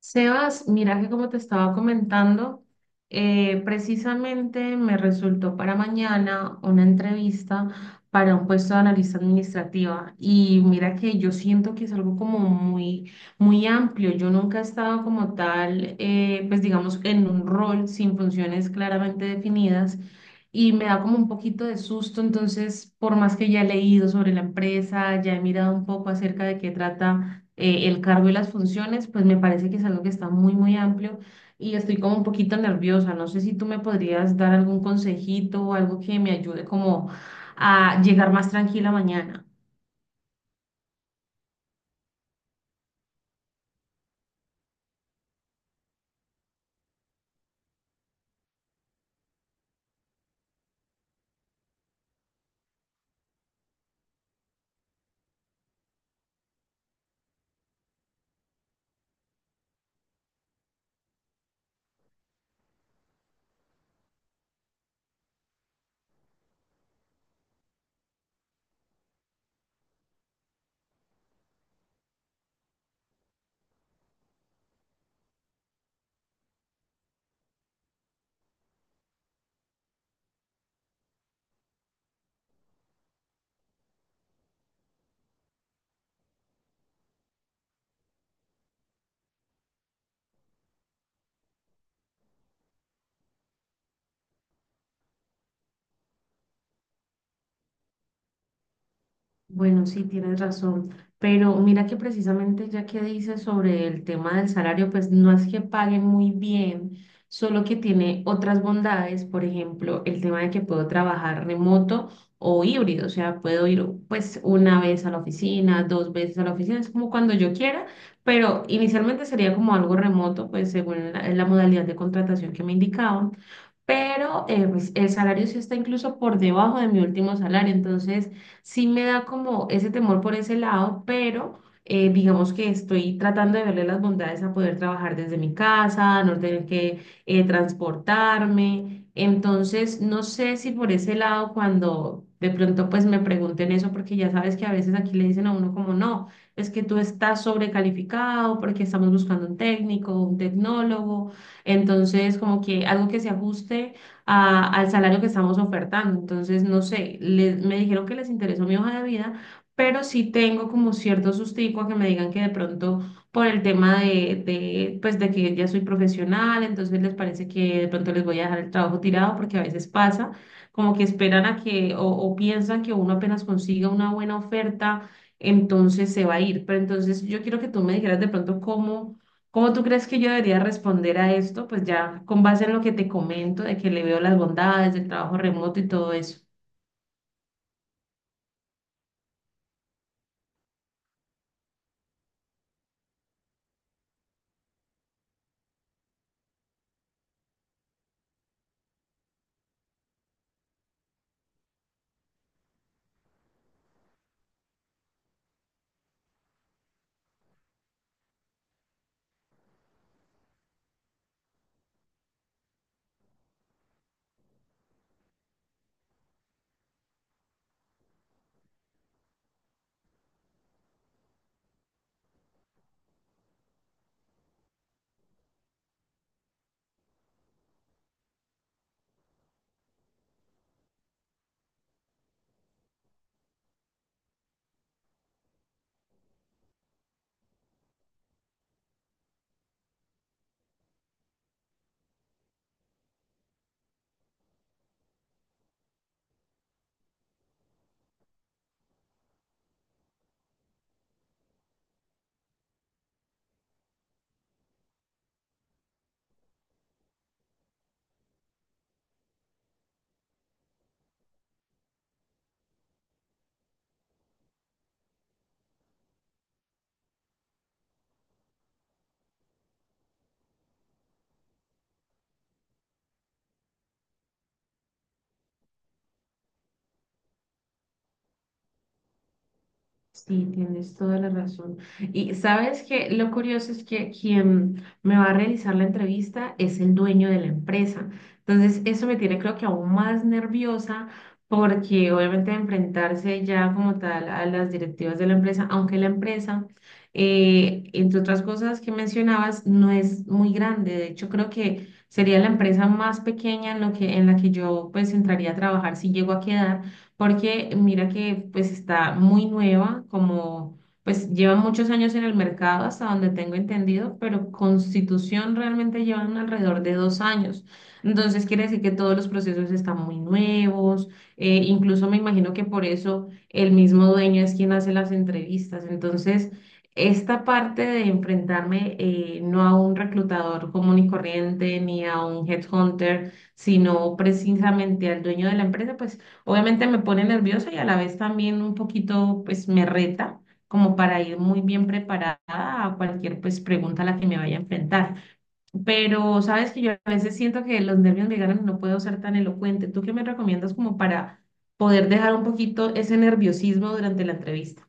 Sebas, mira que como te estaba comentando, precisamente me resultó para mañana una entrevista para un puesto de analista administrativa, y mira que yo siento que es algo como muy, muy amplio. Yo nunca he estado como tal, pues digamos, en un rol sin funciones claramente definidas, y me da como un poquito de susto. Entonces, por más que ya he leído sobre la empresa, ya he mirado un poco acerca de qué trata el cargo y las funciones, pues me parece que es algo que está muy, muy amplio, y estoy como un poquito nerviosa. No sé si tú me podrías dar algún consejito o algo que me ayude como a llegar más tranquila mañana. Bueno, sí, tienes razón, pero mira que precisamente ya que dices sobre el tema del salario, pues no es que paguen muy bien, solo que tiene otras bondades, por ejemplo, el tema de que puedo trabajar remoto o híbrido, o sea, puedo ir pues una vez a la oficina, dos veces a la oficina, es como cuando yo quiera, pero inicialmente sería como algo remoto, pues según la modalidad de contratación que me indicaban, pero pues, el salario sí está incluso por debajo de mi último salario. Entonces sí me da como ese temor por ese lado, pero digamos que estoy tratando de verle las bondades a poder trabajar desde mi casa, a no tener que transportarme. Entonces, no sé si por ese lado cuando de pronto pues me pregunten eso, porque ya sabes que a veces aquí le dicen a uno como no, es que tú estás sobrecalificado porque estamos buscando un técnico, un tecnólogo. Entonces, como que algo que se ajuste al salario que estamos ofertando. Entonces, no sé, me dijeron que les interesó mi hoja de vida, pero sí tengo como cierto sustico a que me digan que de pronto por el tema de pues de que ya soy profesional, entonces les parece que de pronto les voy a dejar el trabajo tirado porque a veces pasa, como que esperan a que o piensan que uno apenas consiga una buena oferta, entonces se va a ir. Pero entonces yo quiero que tú me dijeras de pronto cómo. ¿Cómo tú crees que yo debería responder a esto? Pues ya con base en lo que te comento, de que le veo las bondades del trabajo remoto y todo eso. Sí, tienes toda la razón. Y sabes que lo curioso es que quien me va a realizar la entrevista es el dueño de la empresa. Entonces, eso me tiene creo que aún más nerviosa, porque obviamente enfrentarse ya como tal a las directivas de la empresa, aunque la empresa, entre otras cosas que mencionabas, no es muy grande. De hecho, creo que sería la empresa más pequeña en lo que, en la que yo pues entraría a trabajar si llego a quedar, porque mira que pues está muy nueva, como pues lleva muchos años en el mercado hasta donde tengo entendido, pero Constitución realmente llevan alrededor de dos años. Entonces quiere decir que todos los procesos están muy nuevos. Incluso me imagino que por eso el mismo dueño es quien hace las entrevistas. Entonces, esta parte de enfrentarme no a un reclutador común y corriente ni a un headhunter, sino precisamente al dueño de la empresa, pues obviamente me pone nerviosa y a la vez también un poquito, pues me reta como para ir muy bien preparada a cualquier pues pregunta a la que me vaya a enfrentar. Pero sabes que yo a veces siento que los nervios me ganan y no puedo ser tan elocuente. ¿Tú qué me recomiendas como para poder dejar un poquito ese nerviosismo durante la entrevista?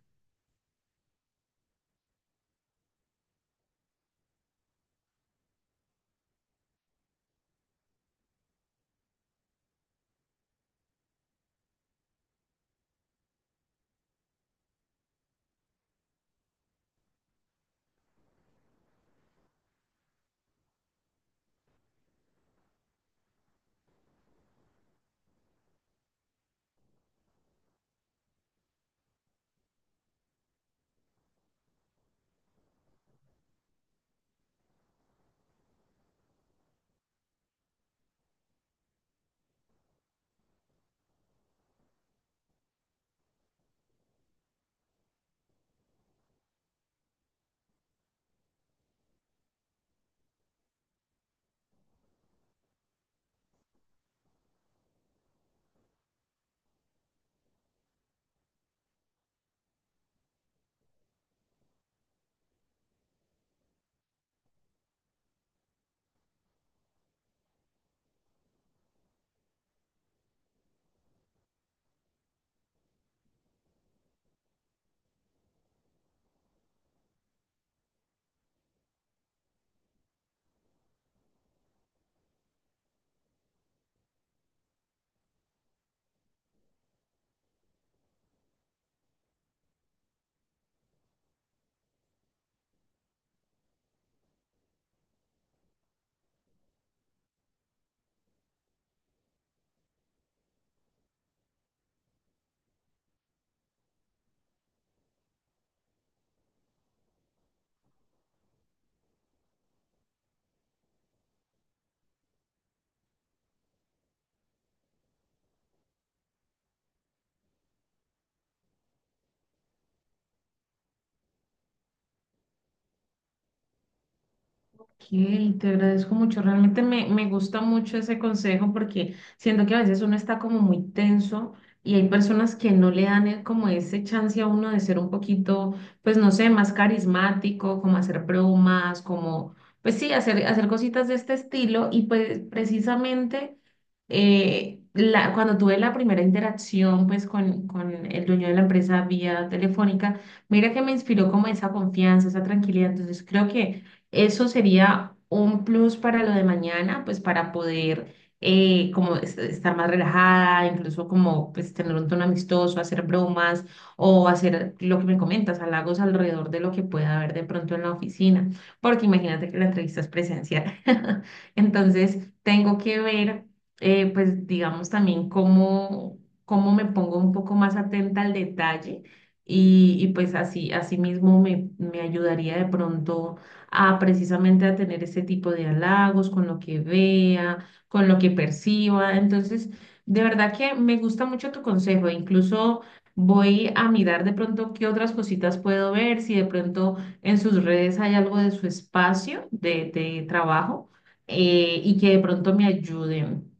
Ok, te agradezco mucho. Realmente me gusta mucho ese consejo, porque siento que a veces uno está como muy tenso y hay personas que no le dan como ese chance a uno de ser un poquito, pues no sé, más carismático, como hacer bromas, como, pues sí, hacer, hacer cositas de este estilo. Y pues precisamente cuando tuve la primera interacción pues con el dueño de la empresa vía telefónica, mira que me inspiró como esa confianza, esa tranquilidad. Entonces creo que eso sería un plus para lo de mañana, pues para poder como estar más relajada, incluso como pues tener un tono amistoso, hacer bromas o hacer lo que me comentas, halagos alrededor de lo que pueda haber de pronto en la oficina, porque imagínate que la entrevista es presencial. Entonces tengo que ver pues digamos también cómo, cómo me pongo un poco más atenta al detalle, y pues así, así mismo me ayudaría de pronto a precisamente a tener ese tipo de halagos con lo que vea, con lo que perciba. Entonces, de verdad que me gusta mucho tu consejo, e incluso... Voy a mirar de pronto qué otras cositas puedo ver, si de pronto en sus redes hay algo de su espacio de trabajo. Y que de pronto me ayuden.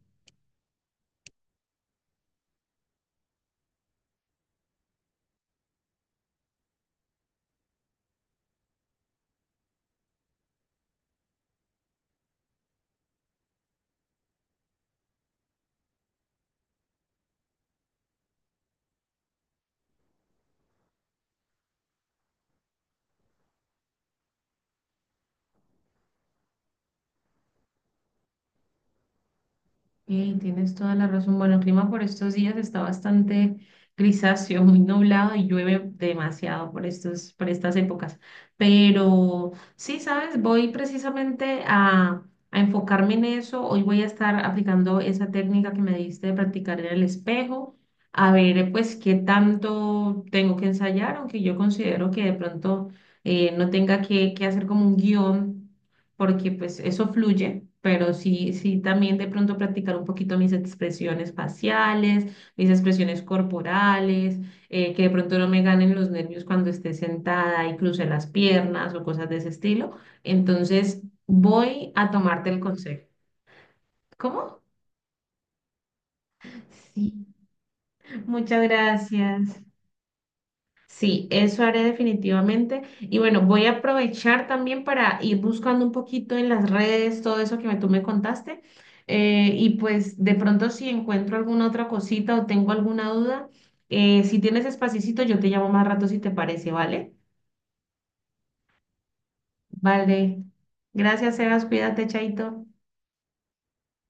Tienes toda la razón. Bueno, el clima por estos días está bastante grisáceo, muy nublado, y llueve demasiado por por estas épocas. Pero sí, sabes, voy precisamente a enfocarme en eso. Hoy voy a estar aplicando esa técnica que me diste de practicar en el espejo, a ver, pues, qué tanto tengo que ensayar, aunque yo considero que de pronto no tenga que hacer como un guión, porque pues eso fluye, pero sí, sí también de pronto practicar un poquito mis expresiones faciales, mis expresiones corporales, que de pronto no me ganen los nervios cuando esté sentada y cruce las piernas o cosas de ese estilo. Entonces, voy a tomarte el consejo. ¿Cómo? Sí. Muchas gracias. Sí, eso haré definitivamente. Y bueno, voy a aprovechar también para ir buscando un poquito en las redes todo eso que tú me contaste. Y pues de pronto si encuentro alguna otra cosita o tengo alguna duda, si tienes espacito, yo te llamo más rato si te parece, ¿vale? Vale. Gracias, Sebas. Cuídate, Chaito.